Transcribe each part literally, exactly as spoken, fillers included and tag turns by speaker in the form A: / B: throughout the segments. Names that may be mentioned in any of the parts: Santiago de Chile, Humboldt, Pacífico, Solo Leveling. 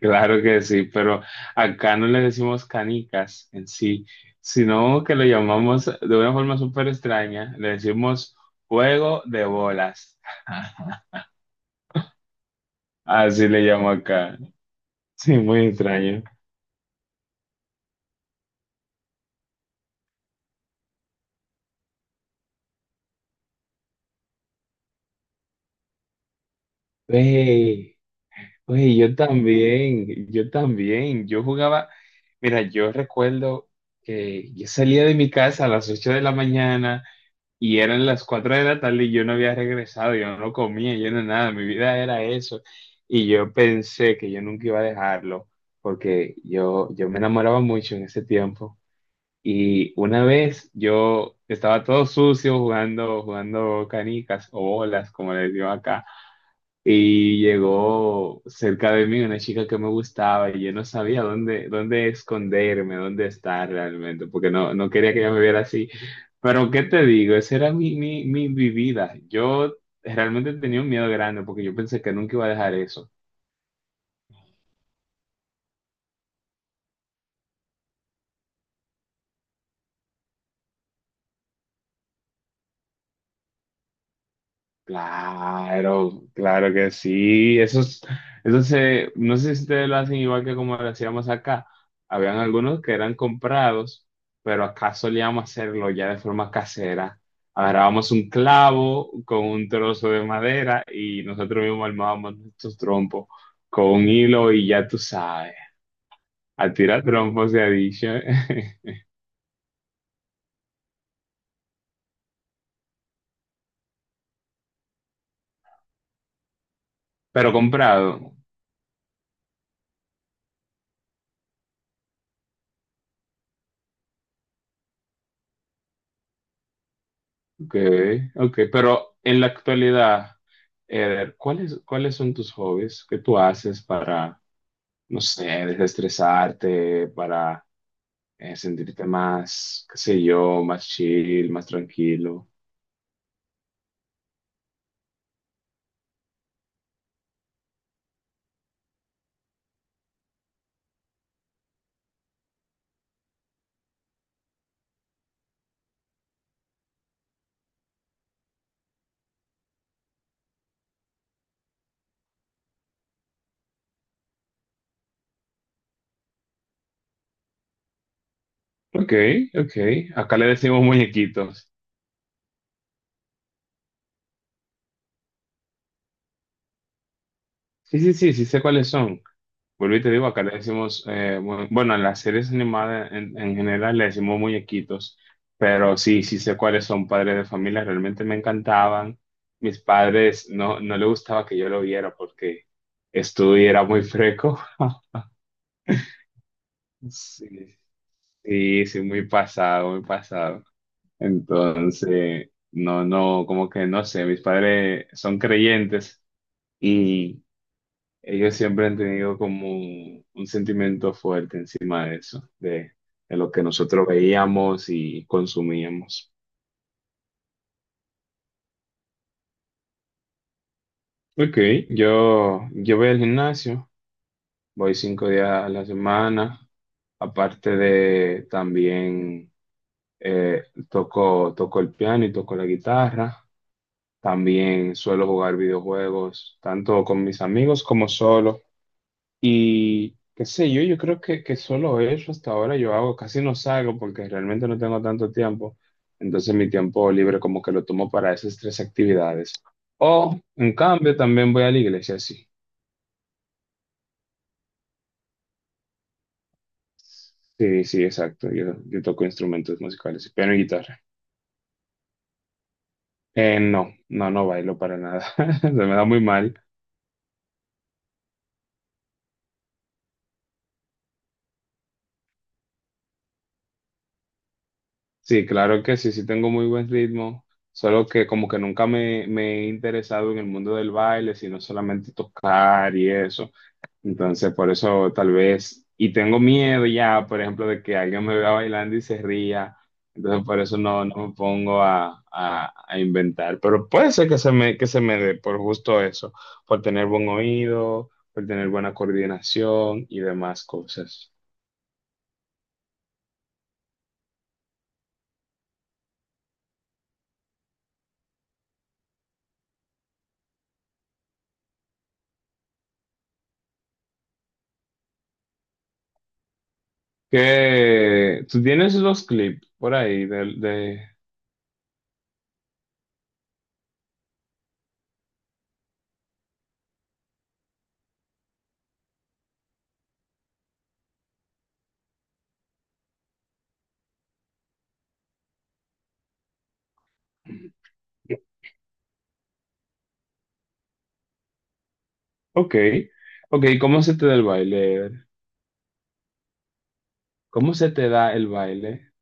A: Claro que sí, pero acá no le decimos canicas en sí, sino que lo llamamos de una forma súper extraña, le decimos juego de bolas. Así le llamo acá. Sí, muy extraño. Wey, wey, yo también, yo también, yo jugaba, mira, yo recuerdo que yo salía de mi casa a las ocho de la mañana. Y eran las cuatro de la tarde y yo no había regresado, yo no comía, yo no nada, mi vida era eso. Y yo pensé que yo nunca iba a dejarlo, porque yo, yo me enamoraba mucho en ese tiempo. Y una vez yo estaba todo sucio jugando, jugando canicas o bolas, como les digo acá. Y llegó cerca de mí una chica que me gustaba y yo no sabía dónde, dónde esconderme, dónde estar realmente, porque no, no quería que ella me viera así. Pero, ¿qué te digo? Esa era mi, mi, mi, mi vida. Yo realmente tenía un miedo grande porque yo pensé que nunca iba a dejar eso. Claro, claro que sí. Esos, esos se, no sé si ustedes lo hacen igual que como lo hacíamos acá. Habían algunos que eran comprados, pero acá solíamos hacerlo ya de forma casera. Agarrábamos un clavo con un trozo de madera y nosotros mismos armábamos nuestros trompos con un hilo y ya tú sabes. A tirar trompos se ha dicho. Pero comprado. Ok, ok, pero en la actualidad, Eder, ¿cuáles, cuáles son tus hobbies? ¿Qué tú haces para, no sé, desestresarte, para eh, sentirte más, qué sé yo, más chill, más tranquilo? Ok, ok, acá le decimos muñequitos. Sí, sí, sí, sí sé cuáles son. Vuelvo y te digo, acá le decimos, eh, bu- bueno, en las series animadas en, en general le decimos muñequitos, pero sí, sí sé cuáles son padres de familia, realmente me encantaban. Mis padres no, no le gustaba que yo lo viera porque estudio era muy freco. Sí, sí, sí, muy pasado, muy pasado. Entonces, no, no, como que no sé, mis padres son creyentes y ellos siempre han tenido como un un sentimiento fuerte encima de eso, de, de lo que nosotros veíamos y consumíamos. Ok, yo, yo voy al gimnasio, voy cinco días a la semana, aparte de también eh, toco, toco el piano y toco la guitarra, también suelo jugar videojuegos, tanto con mis amigos como solo. Y qué sé yo, yo creo que, que solo eso hasta ahora yo hago, casi no salgo porque realmente no tengo tanto tiempo. Entonces mi tiempo libre como que lo tomo para esas tres actividades. O en cambio también voy a la iglesia, sí. Sí, sí, exacto. Yo, yo toco instrumentos musicales, piano y guitarra. Eh, no, no, no bailo para nada. Se me da muy mal. Sí, claro que sí, sí tengo muy buen ritmo. Solo que como que nunca me, me he interesado en el mundo del baile, sino solamente tocar y eso. Entonces, por eso tal vez, y tengo miedo ya, por ejemplo, de que alguien me vea bailando y se ría. Entonces, por eso no, no me pongo a, a- a inventar. Pero puede ser que se me, que se me dé por justo eso, por tener buen oído, por tener buena coordinación y demás cosas. ¿Qué? ¿Tú tienes los clips por ahí del de... Ok, ok, ¿cómo se te da el baile? ¿Cómo se te da el baile?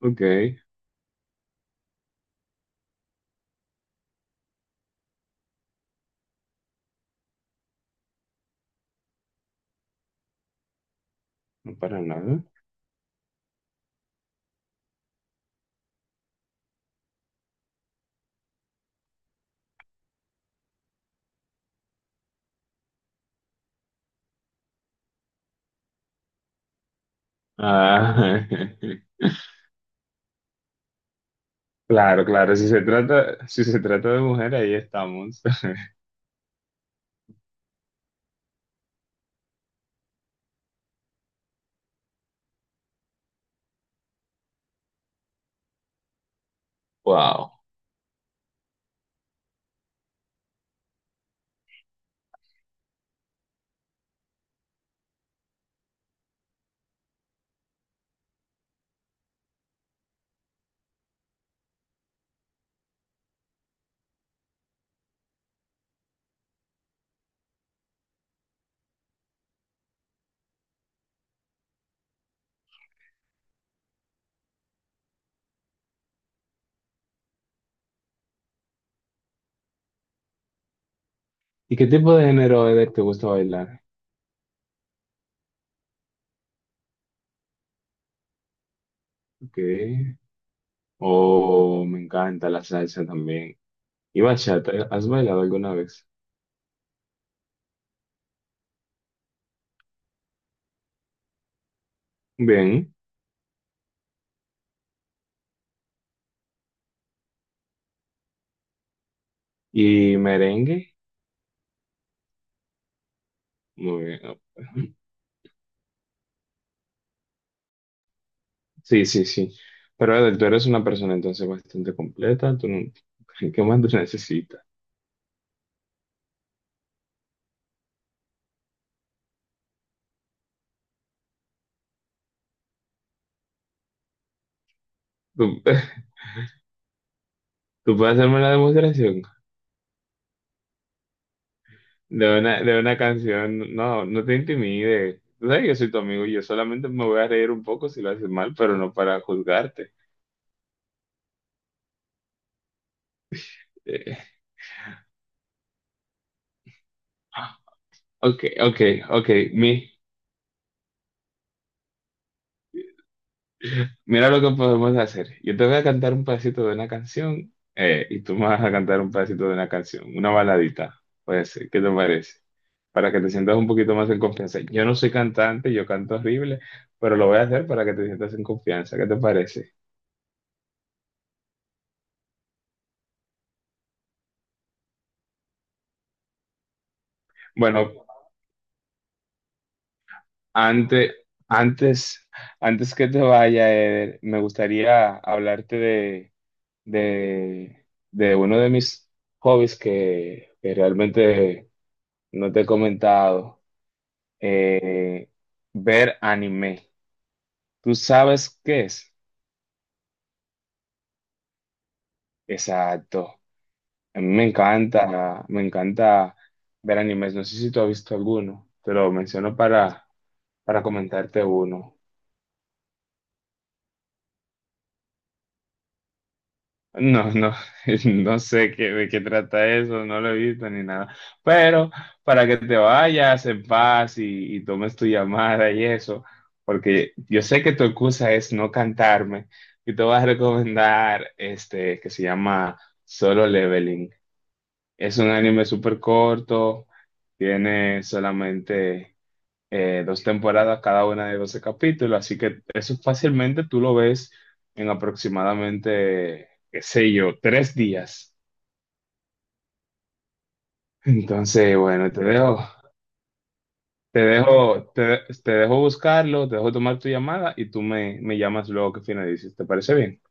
A: Ok, no para nada. Ah, claro, claro, si se trata, si se trata de mujer, ahí estamos. Wow. ¿Y qué tipo de género es te gusta bailar? Ok. Oh, me encanta la salsa también. ¿Y bachata? ¿Has bailado alguna vez? Bien. ¿Y merengue? Muy bien. Sí, sí, sí. Pero Edel, tú eres una persona entonces bastante completa. Tú no- ¿Qué más tú necesitas? ¿Tú, tú puedes hacerme la demostración? De una, de una canción, no, no te intimides. Tú sabes que yo soy tu amigo y yo solamente me voy a reír un poco si lo haces mal, pero no para juzgarte. Eh, ok, ok, ok. Mi, mira lo que podemos hacer. Yo te voy a cantar un pedacito de una canción eh, y tú me vas a cantar un pedacito de una canción, una baladita. Puede ser, ¿qué te parece? Para que te sientas un poquito más en confianza. Yo no soy cantante, yo canto horrible, pero lo voy a hacer para que te sientas en confianza. ¿Qué te parece? Bueno, Antes, antes, antes que te vaya, Eder, me gustaría hablarte de, de, de uno de mis hobbies que, que realmente no te he comentado, eh, ver anime. ¿Tú sabes qué es? Exacto. A mí me encanta, me encanta ver animes. No sé si tú has visto alguno. Te lo menciono para, para comentarte uno. No, no, no sé qué, de qué trata eso, no lo he visto ni nada. Pero para que te vayas en paz y, y tomes tu llamada y eso, porque yo sé que tu excusa es no cantarme y te voy a recomendar este que se llama Solo Leveling. Es un anime súper corto, tiene solamente eh, dos temporadas, cada una de doce capítulos, así que eso fácilmente tú lo ves en aproximadamente, qué sé yo, tres días. Entonces, bueno, te dejo, te dejo, te, te dejo buscarlo, te dejo tomar tu llamada y tú me, me llamas luego que finalices. ¿Te parece bien?